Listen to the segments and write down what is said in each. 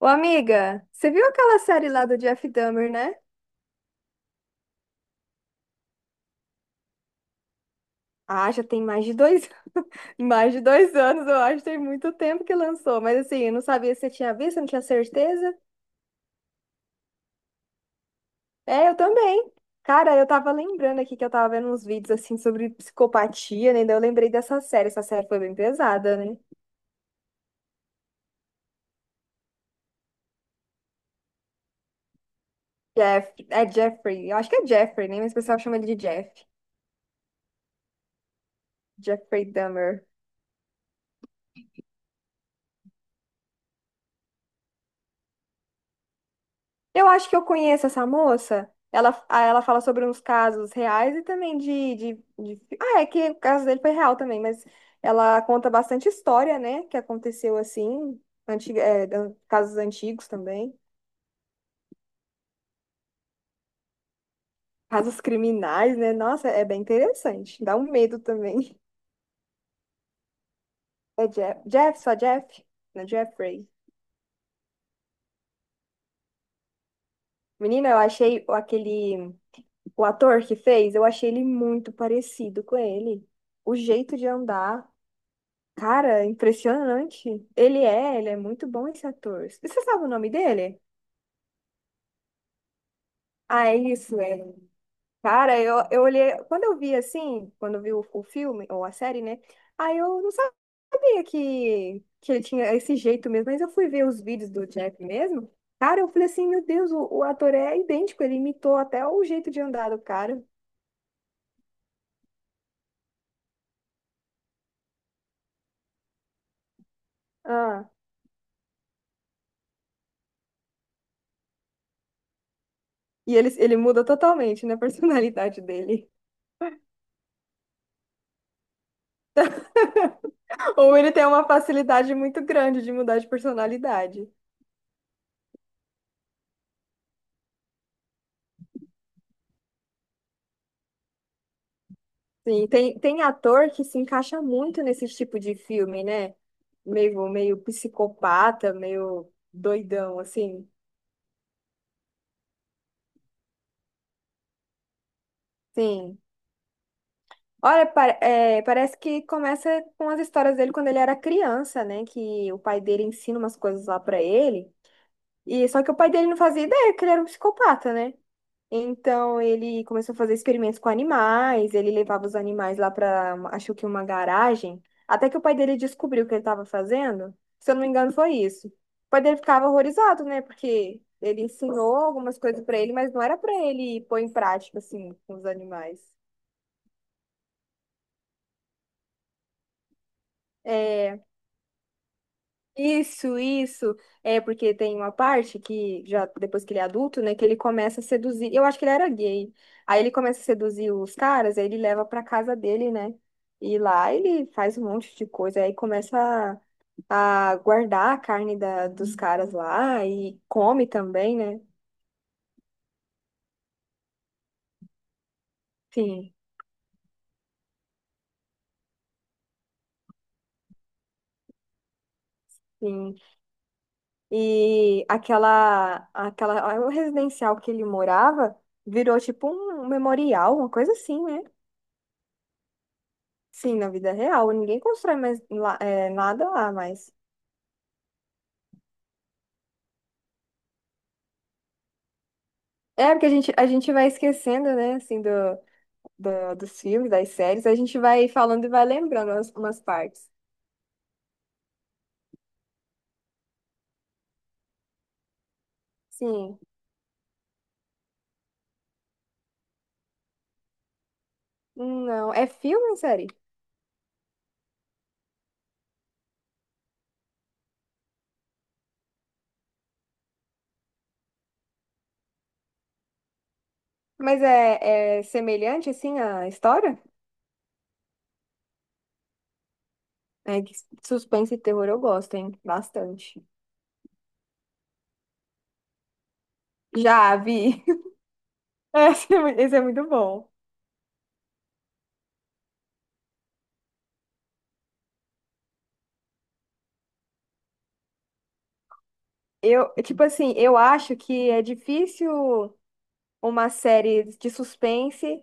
Ô, amiga, você viu aquela série lá do Jeff Dahmer, né? Ah, já tem mais de dois, mais de dois anos, eu acho, tem muito tempo que lançou. Mas assim, eu não sabia se você tinha visto, eu não tinha certeza. É, eu também. Cara, eu tava lembrando aqui que eu tava vendo uns vídeos assim sobre psicopatia, né? Daí eu lembrei dessa série. Essa série foi bem pesada, né? Jeff, é Jeffrey, eu acho que é Jeffrey, né? Mas o pessoal chama ele de Jeff. Jeffrey Dahmer. Eu acho que eu conheço essa moça. Ela, ah, ela fala sobre uns casos reais e também de Ah, é que o caso dele foi real também, mas ela conta bastante história, né? Que aconteceu assim, antiga, é, da- casos antigos também, casos criminais, né? Nossa, é bem interessante. Dá um medo também. É Jeff, Jeff, só Jeff? Não, Jeffrey. Menina, eu achei o- aquele. O ator que fez, eu achei ele muito parecido com ele. O jeito de andar. Cara, impressionante. Ele é muito bom esse ator. E você sabe o nome dele? Ah, é isso, é. Cara, eu olhei, quando eu vi assim, quando eu vi o filme, ou a série, né? Aí eu não sabia que ele tinha esse jeito mesmo, mas eu fui ver os vídeos do Jeff mesmo. Cara, eu falei assim, meu Deus, o ator é idêntico, ele imitou até o jeito de andar do cara. Ah, e ele muda totalmente, né, a personalidade dele. Ou ele tem uma facilidade muito grande de mudar de personalidade. Sim, tem ator que se encaixa muito nesse tipo de filme, né? Meio, meio psicopata, meio doidão, assim. Sim. Olha, pa- é, parece que começa com as histórias dele quando ele era criança, né? Que o pai dele ensina umas coisas lá pra ele. E só que o pai dele não fazia ideia que ele era um psicopata, né? Então ele começou a fazer experimentos com animais, ele levava os animais lá para, acho que uma garagem, até que o pai dele descobriu o que ele estava fazendo. Se eu não me engano, foi isso. O pai dele ficava horrorizado, né? Porque ele ensinou algumas coisas para ele, mas não era para ele pôr em prática assim com os animais. É, isso, isso. É porque tem uma parte que já depois que ele é adulto, né, que ele começa a seduzir. Eu acho que ele era gay. Aí ele começa a seduzir os caras, aí ele leva pra casa dele, né? E lá ele faz um monte de coisa, aí começa a guardar a carne da, dos caras lá e come também, né? Sim, sim. E aquela, aquela, o residencial que ele morava virou tipo um memorial, uma coisa assim, né? Sim, na vida real, ninguém constrói mais lá- é, nada lá, mas. É, porque a gente vai esquecendo, né, assim, do, do- dos filmes, das séries, a gente vai falando e vai lembrando umas, umas partes. Sim. Não, é filme ou série? Mas é, é semelhante, assim, à história? É que suspense e terror eu gosto, hein? Bastante. Já vi. Esse é mu- esse é muito bom. Eu, tipo assim, eu acho que é difícil. Uma série de suspense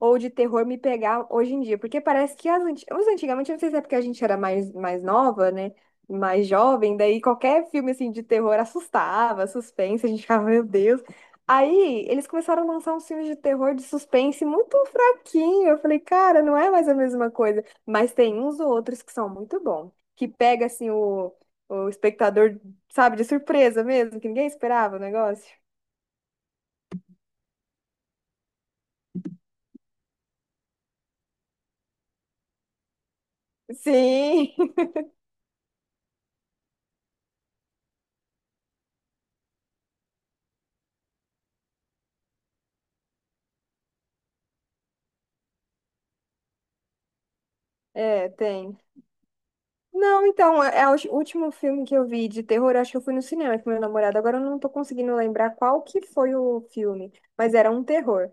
ou de terror me pegar hoje em dia. Porque parece que as anti- os antigamente, eu não sei se é porque a gente era mais, mais nova, né? Mais jovem, daí qualquer filme assim de terror assustava, suspense, a gente ficava, meu Deus. Aí eles começaram a lançar uns filmes de terror de suspense muito fraquinho. Eu falei, cara, não é mais a mesma coisa. Mas tem uns outros que são muito bons, que pega assim o espectador, sabe, de surpresa mesmo, que ninguém esperava o negócio. Sim. É, tem. Não, então, é o último filme que eu vi de terror, acho que eu fui no cinema com meu namorado. Agora eu não tô conseguindo lembrar qual que foi o filme, mas era um terror.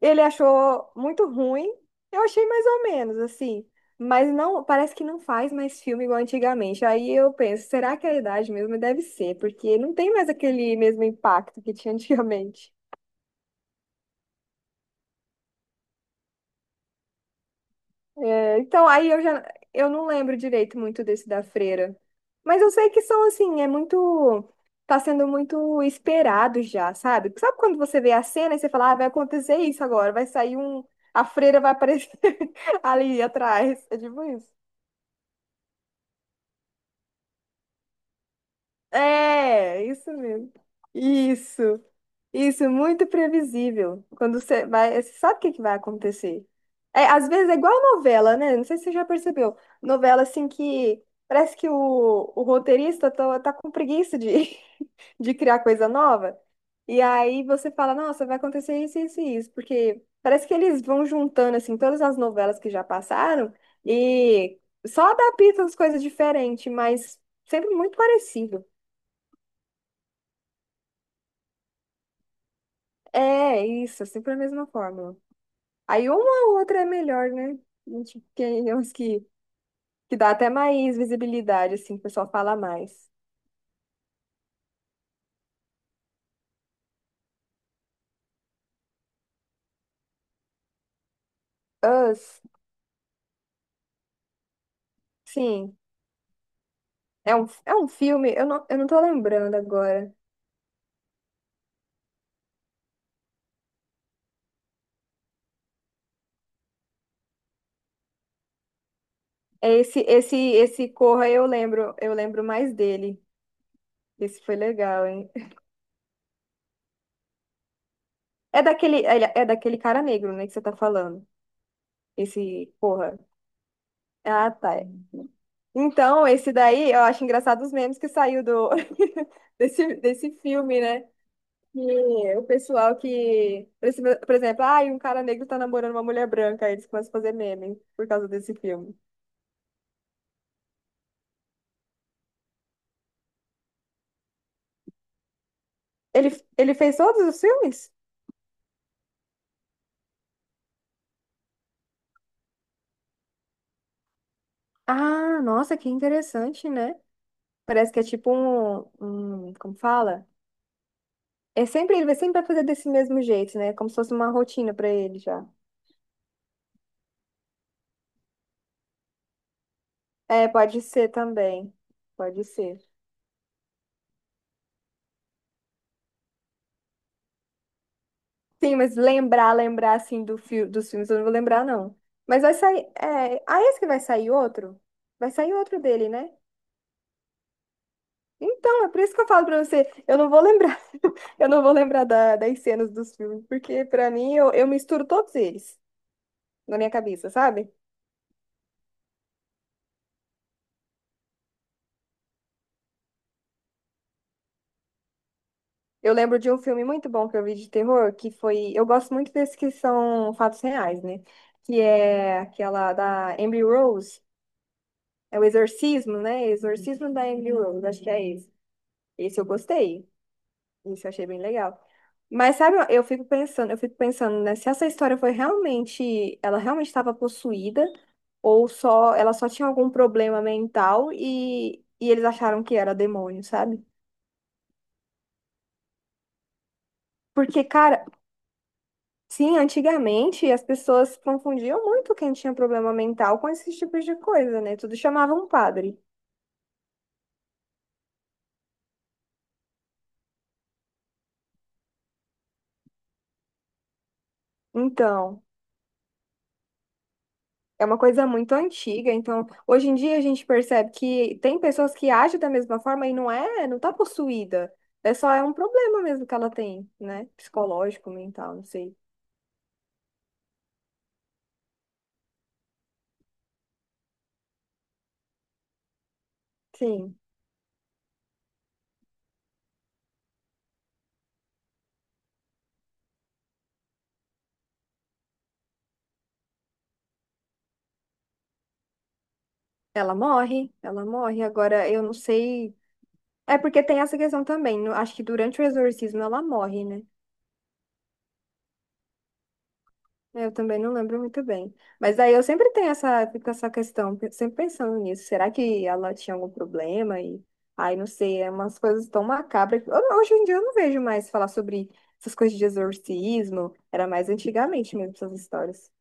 Ele achou muito ruim, eu achei mais ou menos, assim. Mas não, parece que não faz mais filme igual antigamente. Aí eu penso, será que é a idade mesmo? Deve ser, porque não tem mais aquele mesmo impacto que tinha antigamente. É, então, aí eu já eu não lembro direito muito desse da Freira. Mas eu sei que são assim, é muito. Tá sendo muito esperado já, sabe? Sabe quando você vê a cena e você fala, ah, vai acontecer isso agora, vai sair um. A freira vai aparecer ali atrás. É tipo isso. É, isso mesmo. Isso. Isso, muito previsível. Quando você vai, você sabe o que que vai acontecer. É, às vezes é igual a novela, né? Não sei se você já percebeu. Novela assim que parece que o roteirista tá com preguiça de, de criar coisa nova. E aí você fala, nossa, vai acontecer isso, isso e isso. Porque parece que eles vão juntando assim todas as novelas que já passaram e só adaptam as coisas diferentes, mas sempre muito parecido. É, isso, é sempre a mesma fórmula. Aí uma ou outra é melhor, né? Tipo, que é uns que dá até mais visibilidade, assim, que o pessoal fala mais. Us, sim, é um filme, eu não tô lembrando agora. É esse Corra eu lembro mais dele. Esse foi legal, hein? É daquele, é daquele cara negro, né, que você tá falando. Esse Corra. Ah, tá. Então, esse daí, eu acho engraçado os memes que saiu do, desse, desse filme, né? E o pessoal que, por esse- por exemplo, ah, um cara negro tá namorando uma mulher branca, aí eles começam a fazer meme por causa desse filme. Ele, ele fez todos os filmes? Ah, nossa, que interessante, né? Parece que é tipo um, um, como fala? É sempre, ele vai sempre vai fazer desse mesmo jeito, né? Como se fosse uma rotina pra ele já. É, pode ser também. Pode ser. Sim, mas lembrar, lembrar assim do fi dos filmes, eu não vou lembrar, não. Mas vai sair. É... Ah, esse que vai sair outro? Vai sair outro dele, né? Então, é por isso que eu falo pra você, eu não vou lembrar, eu não vou lembrar da- das cenas dos filmes, porque pra mim eu misturo todos eles na minha cabeça, sabe? Eu lembro de um filme muito bom que eu vi de terror, que foi, eu gosto muito desses que são fatos reais, né? Que é aquela da Emily Rose, é o Exorcismo, né? Exorcismo da Emily Rose, acho que é esse. Esse eu gostei, esse eu achei bem legal. Mas sabe, eu fico pensando, né, se essa história foi realmente, ela realmente estava possuída ou só ela só tinha algum problema mental e eles acharam que era demônio, sabe? Porque, cara, sim, antigamente as pessoas confundiam muito quem tinha problema mental com esses tipos de coisa, né? Tudo chamava um padre. Então, é uma coisa muito antiga, então hoje em dia a gente percebe que tem pessoas que agem da mesma forma e não é, não tá possuída. É só é um problema mesmo que ela tem, né? Psicológico, mental, não sei. Sim, ela morre, ela morre. Agora eu não sei. É porque tem essa questão também. No- acho que durante o exorcismo ela morre, né? É, eu também não lembro muito bem. Mas aí eu sempre tenho essa, fico com essa questão, pe- sempre pensando nisso. Será que ela tinha algum problema? E aí, não sei, é umas coisas tão macabras. Que- eu não- hoje em dia eu não vejo mais falar sobre essas coisas de exorcismo. Era mais antigamente mesmo essas histórias.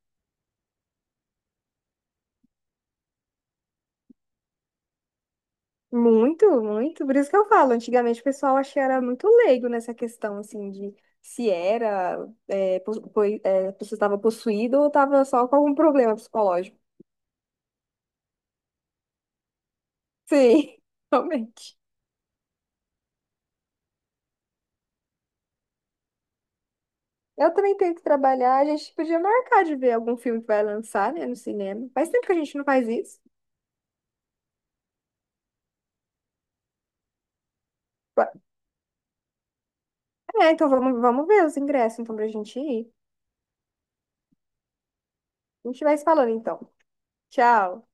Muito, muito. Por isso que eu falo, antigamente o pessoal achei era muito leigo nessa questão, assim, de se era, é, pos- poi- é, a pessoa estava possuída ou estava só com algum problema psicológico. Sim, realmente. Eu também tenho que trabalhar. A gente podia marcar de ver algum filme que vai lançar, né, no cinema. Faz tempo que a gente não faz isso. É, então vamos, vamos ver os ingressos, então, pra gente ir. A gente vai se falando, então. Tchau.